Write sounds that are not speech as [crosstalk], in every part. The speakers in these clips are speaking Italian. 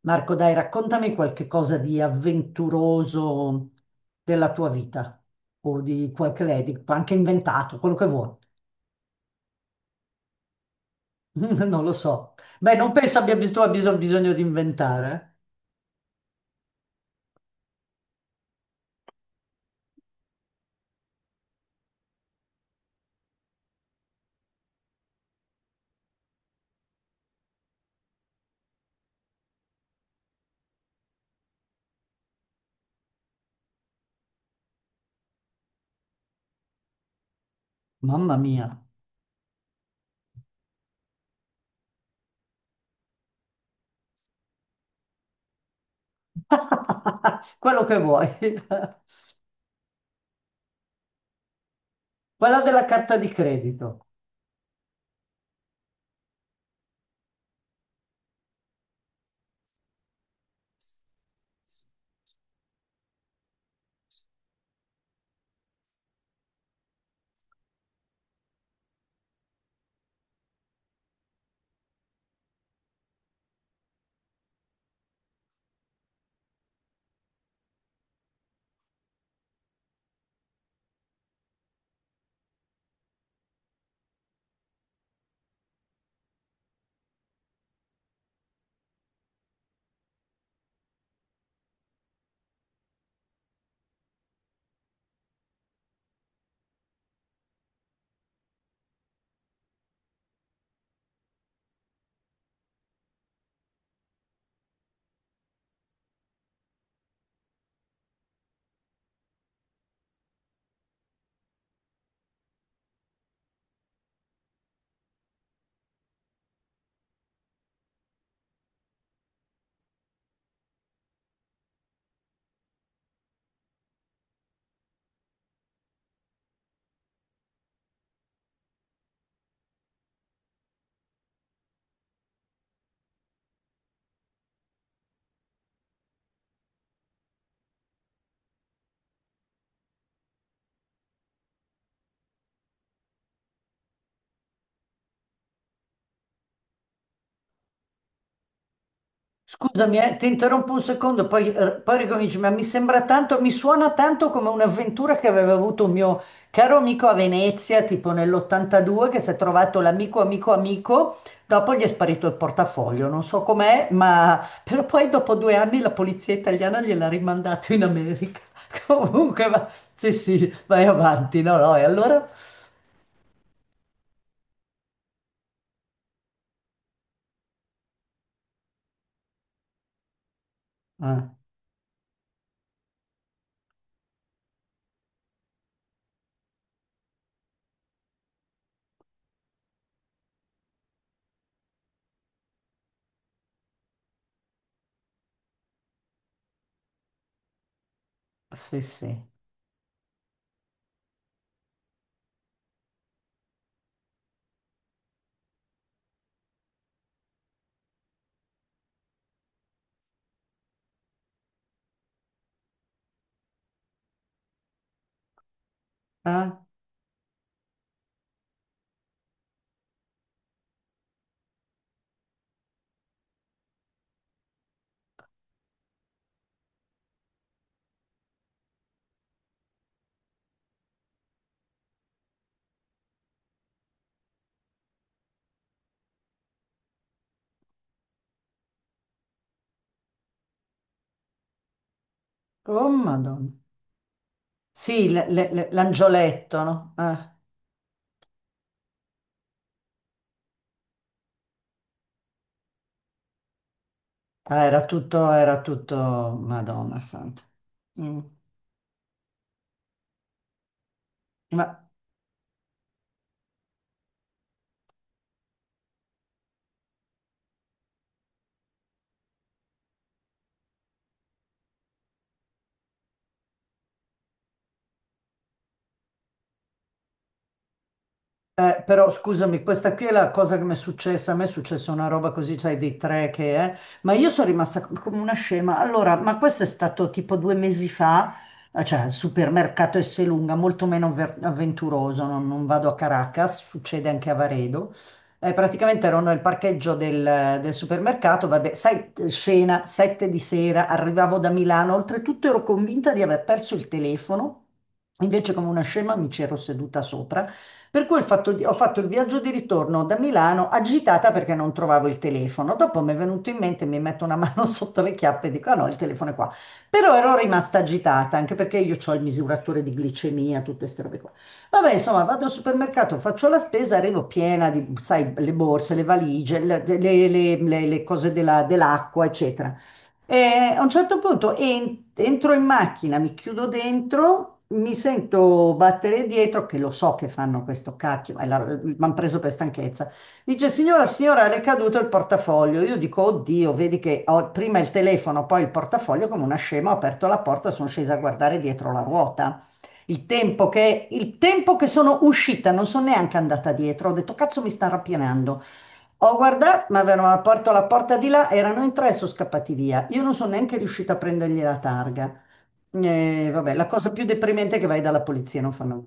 Marco, dai, raccontami qualche cosa di avventuroso della tua vita o di qualche lei, anche inventato, quello che vuoi. [laughs] Non lo so. Beh, non penso tu abbia bisogno di inventare. Eh. Mamma mia. [laughs] Quello che vuoi. [laughs] Quella della carta di credito. Scusami, ti interrompo un secondo, poi, poi ricominci, ma mi sembra tanto, mi suona tanto come un'avventura che aveva avuto un mio caro amico a Venezia, tipo nell'82, che si è trovato amico, dopo gli è sparito il portafoglio, non so com'è, ma però poi dopo due anni la polizia italiana gliel'ha rimandato in America. [laughs] Comunque, va... Sì, sì, vai avanti, no, no, e allora... Ah, sì, sì. Ah, oh, Madonna. Sì, l'angioletto, no? Ah. Era tutto, Madonna santa. Mm. Ma eh, però scusami, questa qui è la cosa che mi è successa. A me è successa una roba così, sai, dei tre che è, ma io sono rimasta come una scema. Allora, ma questo è stato tipo due mesi fa, cioè al supermercato Esselunga, molto meno avventuroso. Non vado a Caracas, succede anche a Varedo. Praticamente ero nel parcheggio del supermercato, vabbè, sai, scena, sette di sera, arrivavo da Milano, oltretutto ero convinta di aver perso il telefono. Invece, come una scema, mi c'ero seduta sopra, per cui ho fatto, ho fatto il viaggio di ritorno da Milano agitata perché non trovavo il telefono. Dopo mi è venuto in mente, mi metto una mano [laughs] sotto le chiappe e dico: Ah no, il telefono è qua. Però ero rimasta agitata anche perché io ho il misuratore di glicemia, tutte queste robe qua. Vabbè, insomma, vado al supermercato, faccio la spesa, arrivo piena di, sai, le borse, le valigie, le cose dell'acqua, eccetera. E a un certo punto entro in macchina, mi chiudo dentro, mi sento battere dietro, che lo so che fanno questo cacchio, mi hanno preso per stanchezza. Dice, signora, signora, le è caduto il portafoglio. Io dico, oddio, vedi che ho prima il telefono, poi il portafoglio, come una scema, ho aperto la porta, sono scesa a guardare dietro la ruota. Il tempo che sono uscita, non sono neanche andata dietro, ho detto, cazzo, mi sta rapinando. Ho guardato, ma avevano aperto la porta di là, erano in tre, sono scappati via. Io non sono neanche riuscita a prendergli la targa. Vabbè, la cosa più deprimente è che vai dalla polizia, non fanno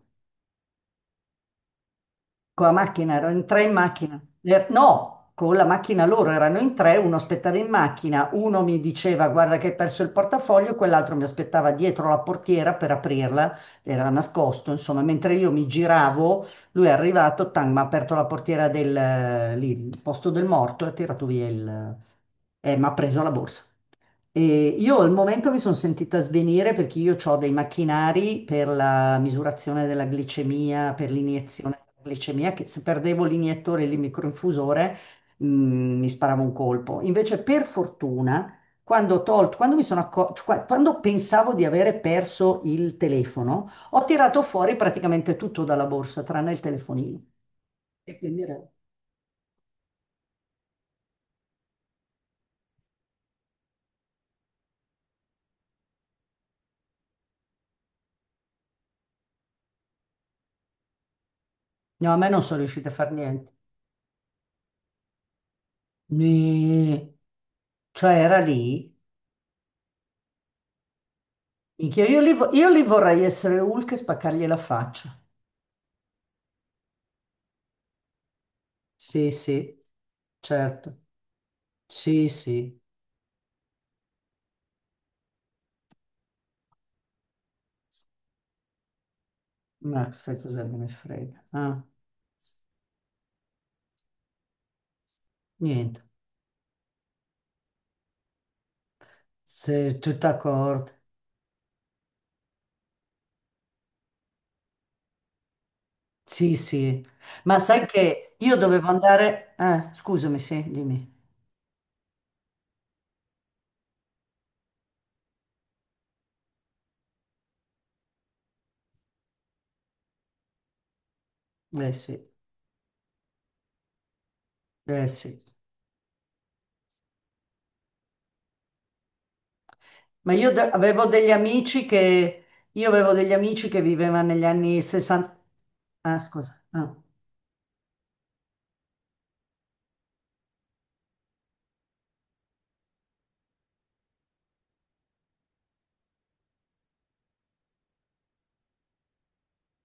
con la macchina, ero in tre in macchina. No, con la macchina loro erano in tre, uno aspettava in macchina, uno mi diceva guarda che hai perso il portafoglio, quell'altro mi aspettava dietro la portiera per aprirla, era nascosto, insomma, mentre io mi giravo, lui è arrivato, tang, mi ha aperto la portiera del lì, il posto del morto e ha tirato via il... e mi ha preso la borsa. E io al momento mi sono sentita svenire perché io ho dei macchinari per la misurazione della glicemia, per l'iniezione della glicemia, che se perdevo l'iniettore e il microinfusore, mi sparavo un colpo. Invece, per fortuna, quando ho tolto, quando mi sono cioè, quando pensavo di avere perso il telefono, ho tirato fuori praticamente tutto dalla borsa, tranne il telefonino. E quindi no, a me non sono riuscita a fare niente. Nì. Cioè, era lì. Minchia, io lì, io lì vorrei essere Hulk e spaccargli la faccia. Sì, sì, certo. Sì, sì. Ma sai cosa me ne frega? Ah, niente. Sei tutta d'accordo. Sì, sì. Ma sai che io dovevo andare... scusami, sì, dimmi. Eh sì, eh sì. Ma avevo degli amici che... Io avevo degli amici che vivevano negli anni 60... Ah, scusa. Ah.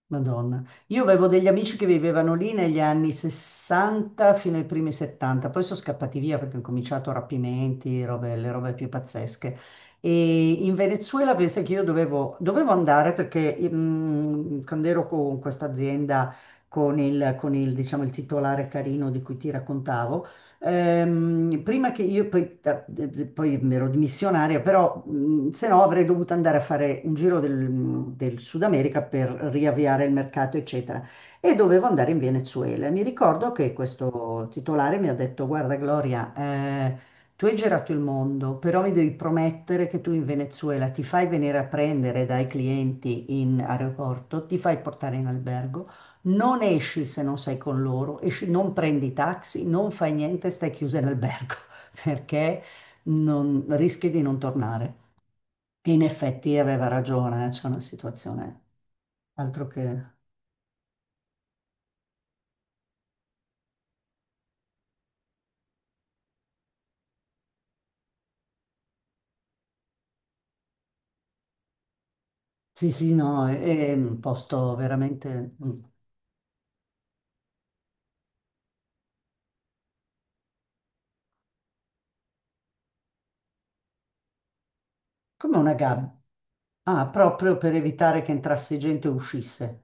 Madonna. Io avevo degli amici che vivevano lì negli anni 60 fino ai primi 70, poi sono scappati via perché hanno cominciato rapimenti, le robe più pazzesche. E in Venezuela pensa che io dovevo andare perché mm, quando ero con questa azienda, con il, diciamo, il titolare carino di cui ti raccontavo, prima che io poi, poi mi ero dimissionaria, però se no avrei dovuto andare a fare un giro del Sud America per riavviare il mercato, eccetera. E dovevo andare in Venezuela. Mi ricordo che questo titolare mi ha detto: Guarda, Gloria, tu hai girato il mondo, però mi devi promettere che tu in Venezuela ti fai venire a prendere dai clienti in aeroporto, ti fai portare in albergo. Non esci se non sei con loro, non prendi taxi, non fai niente, stai chiusa in albergo [laughs] perché rischi di non tornare. E in effetti aveva ragione, c'è una situazione altro che... Sì, sì, no, è un posto veramente mm, come una gabbia. Ah, proprio per evitare che entrasse gente e uscisse.